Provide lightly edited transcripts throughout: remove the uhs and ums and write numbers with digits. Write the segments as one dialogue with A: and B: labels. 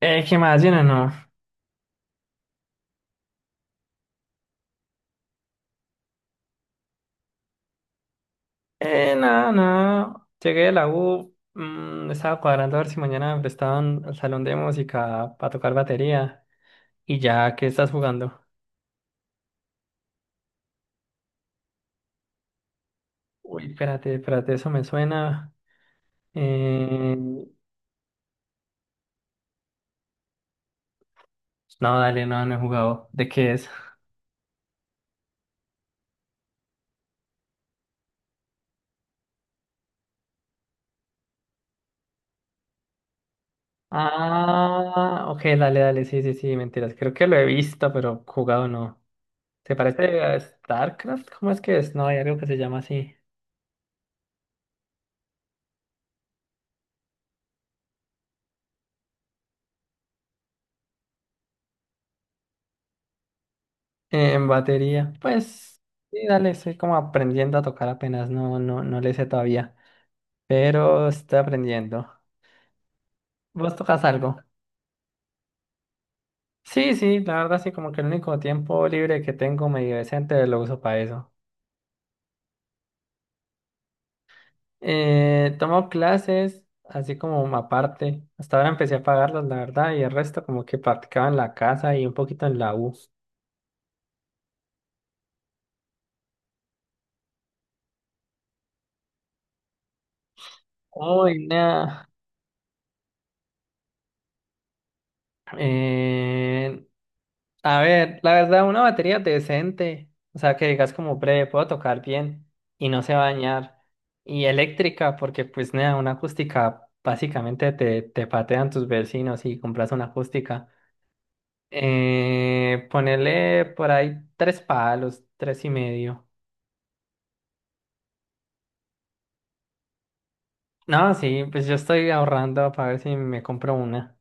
A: ¿Qué más? ¿Bien o no? Nada, nada. Llegué de la U, estaba cuadrando a ver si mañana me prestaban al salón de música para tocar batería. Y ya, ¿qué estás jugando? Uy, espérate, espérate, eso me suena. Eh, No, dale, no, no he jugado. ¿De qué es? Ah, ok, dale, dale, sí, sí, sí, mentiras. Creo que lo he visto, pero jugado no. ¿Se parece a StarCraft? ¿Cómo es que es? No, hay algo que se llama así. En batería, pues sí, dale, estoy como aprendiendo a tocar apenas, no, no, no le sé todavía, pero estoy aprendiendo. ¿Vos tocas algo? Sí, sí, la verdad sí, como que el único tiempo libre que tengo medio decente lo uso para eso. Tomo clases, así como aparte, hasta ahora empecé a pagarlas, la verdad, y el resto como que practicaba en la casa y un poquito en la U. Uy, nada. A ver, la verdad, una batería decente, o sea, que digas como breve, puedo tocar bien y no se va a dañar. Y eléctrica, porque pues nada, una acústica básicamente te patean tus vecinos y compras una acústica. Ponerle por ahí tres palos, tres y medio. No, sí, pues yo estoy ahorrando para ver si me compro una.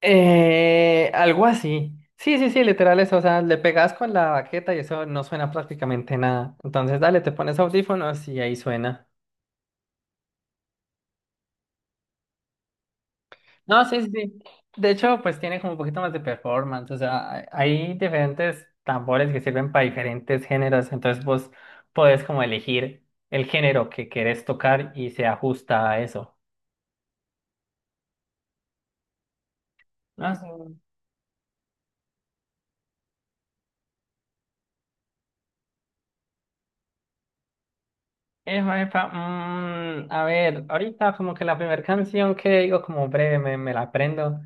A: Algo así. Sí, sí, sí, literal eso. O sea, le pegas con la baqueta y eso no suena prácticamente nada. Entonces, dale, te pones audífonos y ahí suena. No, sí, sí, sí. De hecho, pues tiene como un poquito más de performance. O sea, hay diferentes tambores que sirven para diferentes géneros. Entonces, vos podés como elegir el género que querés tocar y se ajusta a eso. No sé. Epa, epa, a ver, ahorita como que la primera canción que digo como breve me la aprendo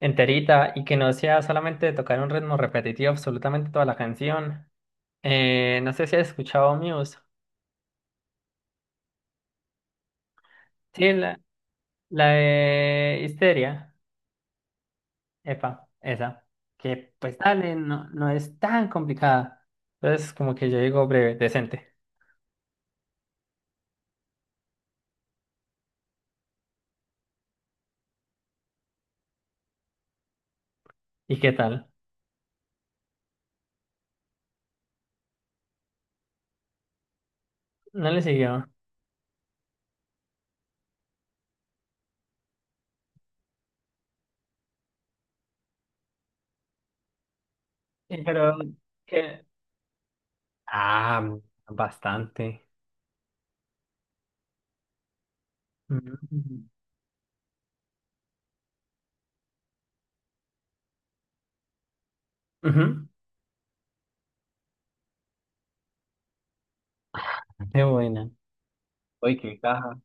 A: enterita y que no sea solamente tocar un ritmo repetitivo absolutamente toda la canción. No sé si has escuchado Muse. Sí, la de Histeria. Epa, esa. Que pues dale, no, no es tan complicada. Entonces como que yo digo breve, decente. ¿Y qué tal? No le siguió. Sí, pero que... Ah, bastante. Mm. Ujú. Qué buena. Uy, qué caja.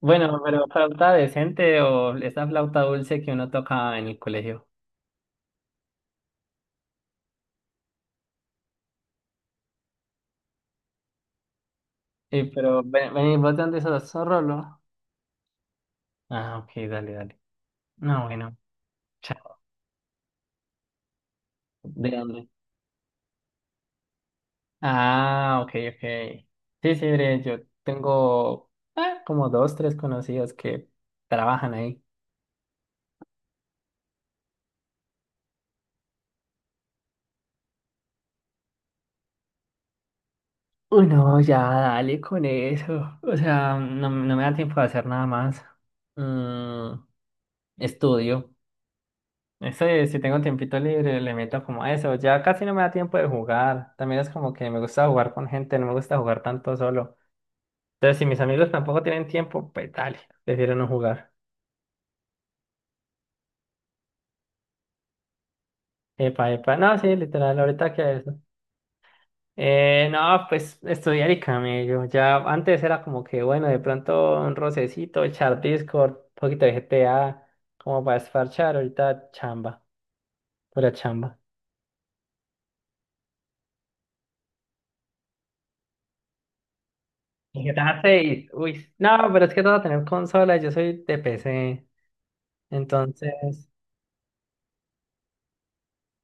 A: Bueno, pero flauta decente o esa flauta dulce que uno toca en el colegio. Y pero, ven, ven, ¿Vos de dónde sos? ¿Sos Rolo? Ah, ok, dale, dale. No, bueno, chao. ¿De dónde? Ah, ok, ok. Sí, sí, bre, yo tengo como dos, tres conocidos que trabajan ahí. Uy, no, ya, dale con eso. O sea, no, no me da tiempo de hacer nada más. Mm, Estudio. Ese, si tengo tiempito libre, le meto como a eso. Ya casi no me da tiempo de jugar. También es como que me gusta jugar con gente, no me gusta jugar tanto solo. Entonces, si mis amigos tampoco tienen tiempo, pues dale, prefiero no jugar. Epa, epa. No, sí, literal, ahorita que eso. No, pues estudiar y camello. Ya antes era como que, bueno, de pronto un rocecito, echar Discord, un poquito de GTA, como para esfarchar. Ahorita chamba, pura chamba. Y GTA 6, uy. No, pero es que todo tener consola, yo soy de PC. Entonces,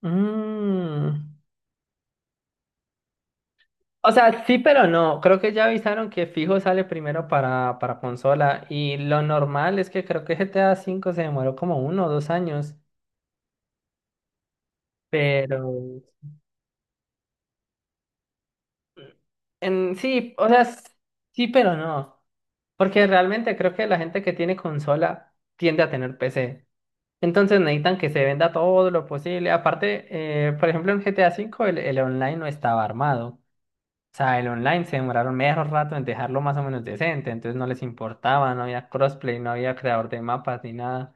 A: mm, o sea, sí, pero no. Creo que ya avisaron que fijo sale primero para consola. Y lo normal es que creo que GTA V se demoró como uno o dos años. Pero sí, o sea, sí, pero no. Porque realmente creo que la gente que tiene consola tiende a tener PC. Entonces necesitan que se venda todo lo posible. Aparte, por ejemplo, en GTA V el online no estaba armado. O sea, el online se demoraron medio rato en dejarlo más o menos decente, entonces no les importaba, no había crossplay, no había creador de mapas ni nada.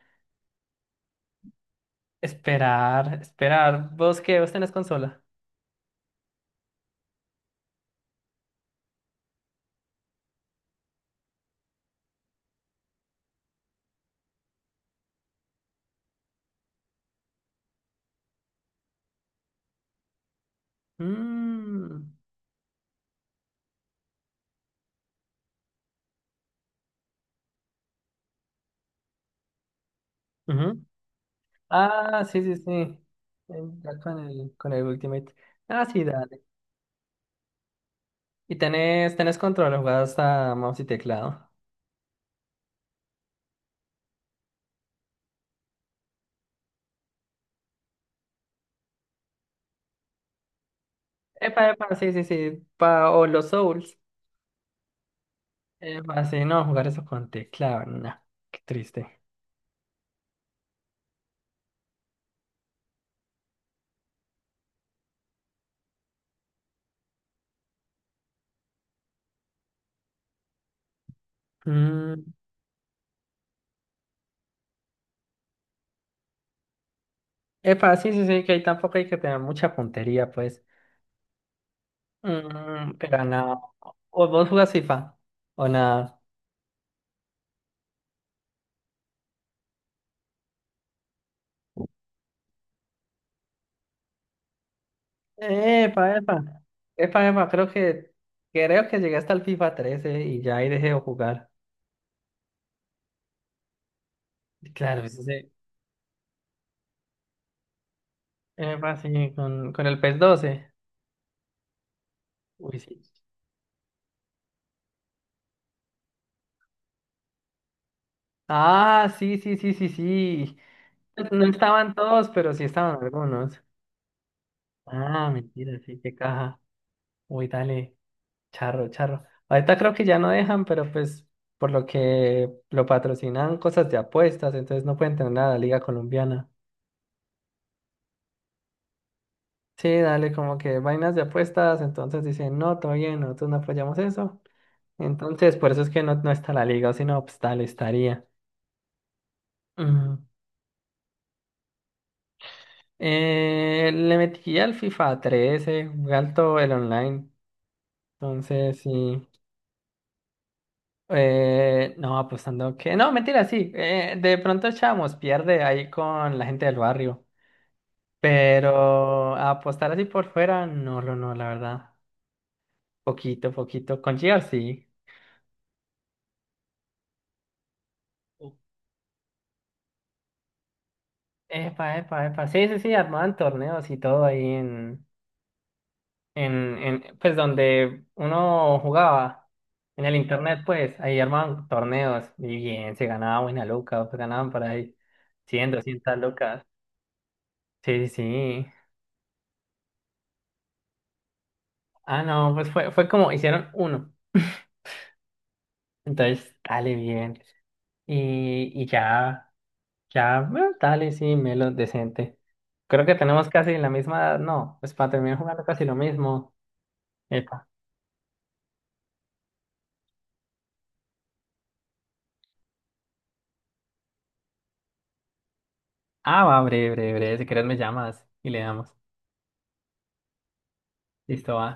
A: Esperar, esperar. ¿Vos qué? ¿Vos tenés consola? Mm, ujú. Ah, sí, sí, sí. Ya con el Ultimate. Ah, sí, dale. ¿Y tenés control o jugás a mouse y teclado? Epa, epa, sí, sí, sí. Pa, o los Souls. Epa, sí, no, jugar eso con teclado, no. Qué triste. Mm, epa, sí, sí, sí, que ahí tampoco hay que tener mucha puntería, pues. Pero nada. ¿O vos jugás FIFA? ¿O nada? Epa, epa. Epa, epa, creo que llegué hasta el FIFA 13 y ya ahí dejé de jugar. Claro, sí, sí. Epa, sí, con el PES 12. Uy, sí. Ah, sí, sí, sí, sí, sí. Pues no estaban todos, pero sí estaban algunos. Ah, mentira, sí, qué caja. Uy, dale. Charro, charro. Ahorita creo que ya no dejan, pero pues por lo que lo patrocinan cosas de apuestas, entonces no pueden tener nada de la Liga Colombiana. Sí, dale, como que vainas de apuestas, entonces dicen, no, todo bien, nosotros no apoyamos eso. Entonces, por eso es que no, no está la liga, sino pues tal estaría. Mm. Le metí al FIFA 13, jugué alto el online, entonces sí. No, apostando que... No, mentira, sí, de pronto Chamos pierde ahí con la gente del barrio. Pero apostar así por fuera, no, no, no, la verdad. Poquito, poquito. Con Gear sí. O- Epa, epa, epa. Sí, sí, sí, armaban torneos y todo ahí en, pues donde uno jugaba, en el internet, pues, ahí armaban torneos y bien, se ganaba buena loca, pues ganaban por ahí 100 200 locas. Sí, sí, sí. Ah, no, pues fue como hicieron uno. Entonces, dale bien. Y ya. Ya, bueno, dale, sí, Melo, decente. Creo que tenemos casi la misma edad, no, pues para terminar jugando casi lo mismo. Epa. Ah, va, breve, breve, breve, si quieres me llamas y le damos. Listo, va.